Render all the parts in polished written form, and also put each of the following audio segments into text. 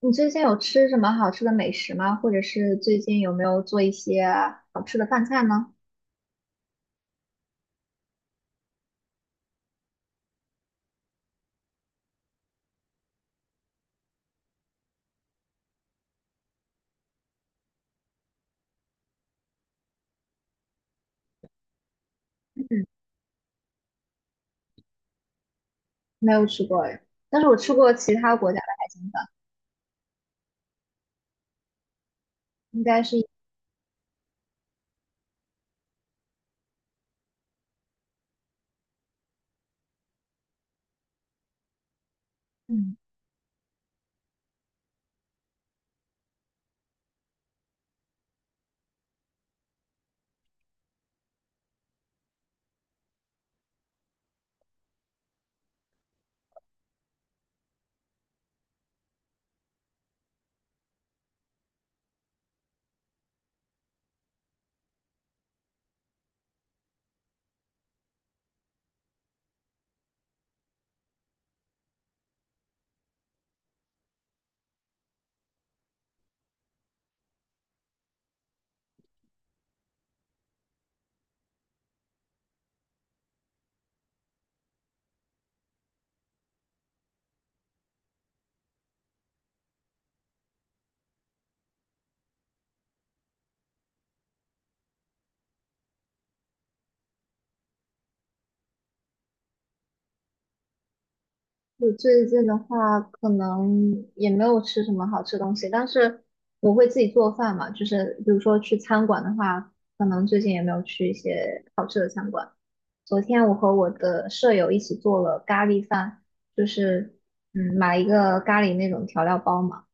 你最近有吃什么好吃的美食吗？或者是最近有没有做一些好吃的饭菜呢？没有吃过哎，但是我吃过其他国家的海鲜饭，应该是嗯，我最近的话可能也没有吃什么好吃的东西，但是我会自己做饭嘛，就是比如说去餐馆的话，可能最近也没有去一些好吃的餐馆。昨天我和我的舍友一起做了咖喱饭，就是买了一个咖喱那种调料包嘛。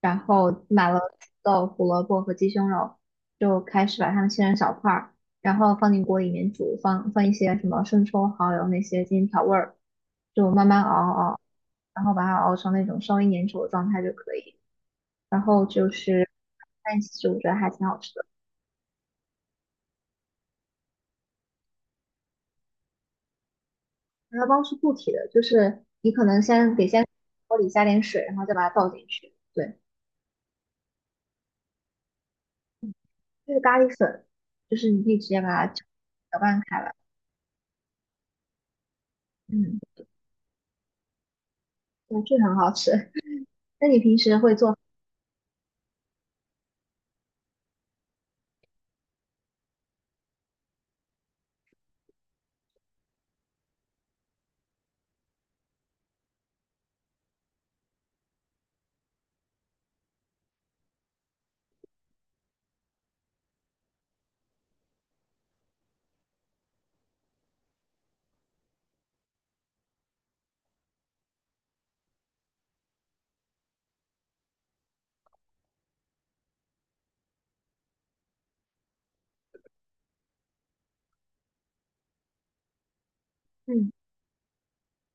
然后买了土豆、胡萝卜和鸡胸肉，就开始把它们切成小块儿，然后放进锅里面煮，放一些什么生抽、蚝油那些进行调味儿，就慢慢熬熬，然后把它熬成那种稍微粘稠的状态就可以。然后就是在一起吃，我觉得还挺好吃的。它包是固体的，就是你可能先得先锅里加点水，然后再把它倒进去。对，这是咖喱粉，就是你可以直接把它搅拌开来。嗯，对，这个很好吃。那你平时会做？嗯，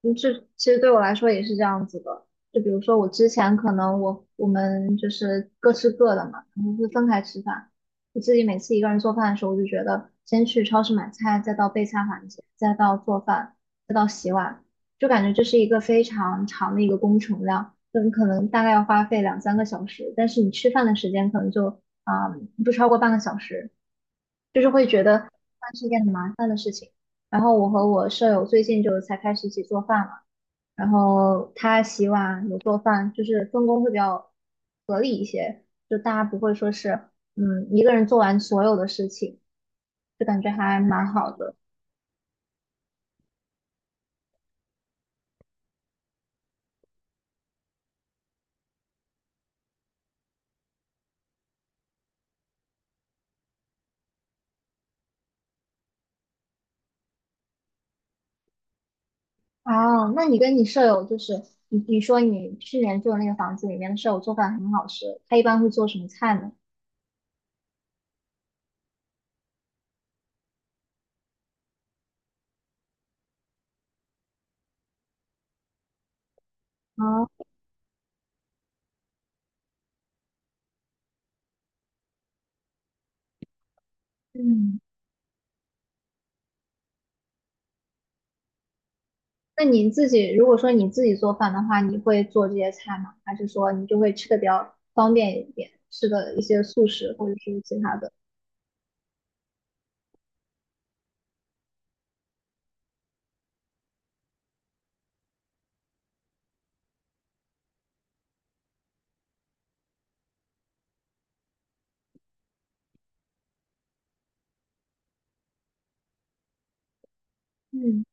就是，其实对我来说也是这样子的。就比如说，我之前可能我们就是各吃各的嘛，然后会分开吃饭。我自己每次一个人做饭的时候，我就觉得先去超市买菜，再到备菜环节，再到做饭，再到洗碗，就感觉这是一个非常长的一个工程量，就你可能大概要花费两三个小时，但是你吃饭的时间可能就啊、不超过半个小时。就是会觉得饭是一件很麻烦的事情。然后我和我舍友最近就才开始一起做饭嘛，然后他洗碗，我做饭，就是分工会比较合理一些，就大家不会说是一个人做完所有的事情，就感觉还蛮好的。哦，那你跟你舍友就是你你说你去年住的那个房子里面的舍友做饭很好吃，他一般会做什么菜呢？啊，嗯。那你自己如果说你自己做饭的话，你会做这些菜吗？还是说你就会吃的比较方便一点，吃的一些素食或者是其他的？嗯，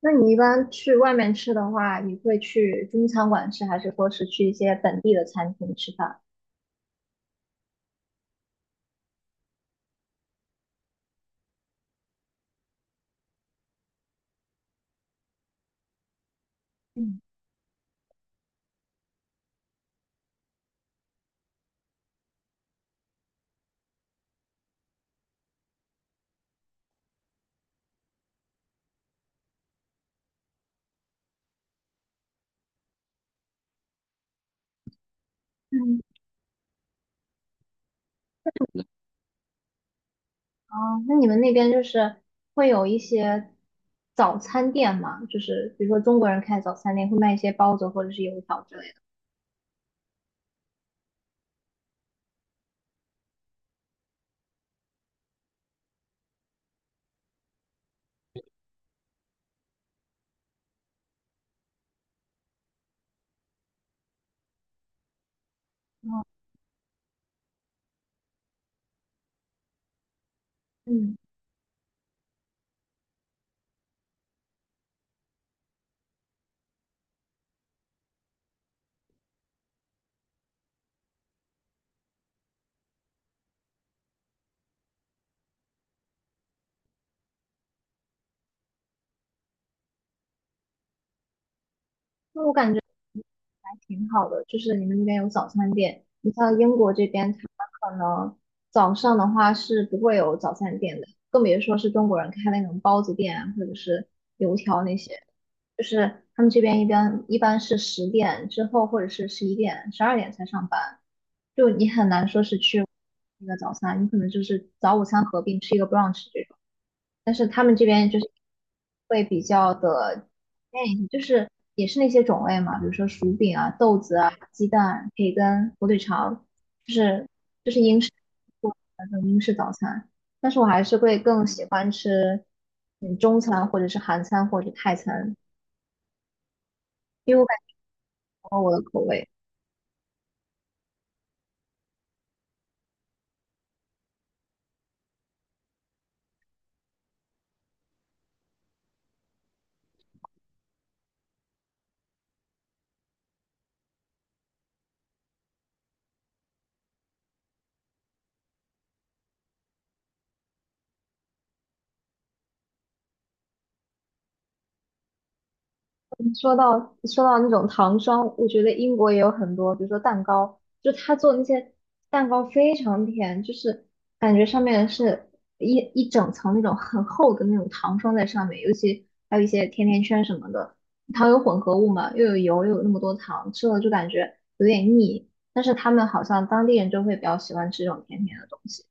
那你一般去外面吃的话，你会去中餐馆吃，还是说是去一些本地的餐厅吃饭？嗯，嗯，哦，那你们那边就是会有一些早餐店吗？就是比如说中国人开的早餐店会卖一些包子或者是油条之类的。嗯，那我感觉。还挺好的，就是你们那边有早餐店。你像英国这边，它可能早上的话是不会有早餐店的，更别说是中国人开那种包子店啊或者是油条那些。就是他们这边一般是10点之后或者是11点、12点才上班，就你很难说是去那个早餐，你可能就是早午餐合并吃一个 brunch。这种。但是他们这边就是会比较的，哎，就是也是那些种类嘛，比如说薯饼啊、豆子啊、鸡蛋、培根、火腿肠，就是就是英式那种英式早餐。但是我还是会更喜欢吃嗯中餐或者是韩餐或者泰餐，因为我感觉我的口味。嗯说到那种糖霜，我觉得英国也有很多，比如说蛋糕，就他做那些蛋糕非常甜，就是感觉上面是一整层那种很厚的那种糖霜在上面，尤其还有一些甜甜圈什么的，糖有混合物嘛，又有油，又有那么多糖，吃了就感觉有点腻。但是他们好像当地人就会比较喜欢吃这种甜甜的东西。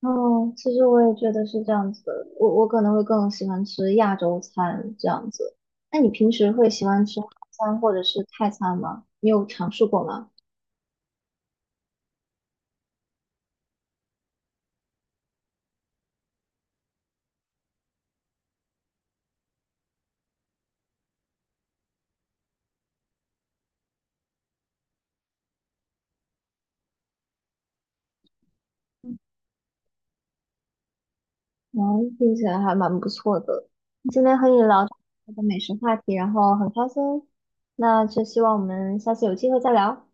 哦，其实我也觉得是这样子的，我可能会更喜欢吃亚洲餐这样子。那你平时会喜欢吃韩餐或者是泰餐吗？你有尝试过吗？嗯，听起来还蛮不错的。今天和你聊这个美食话题，然后很开心。那就希望我们下次有机会再聊。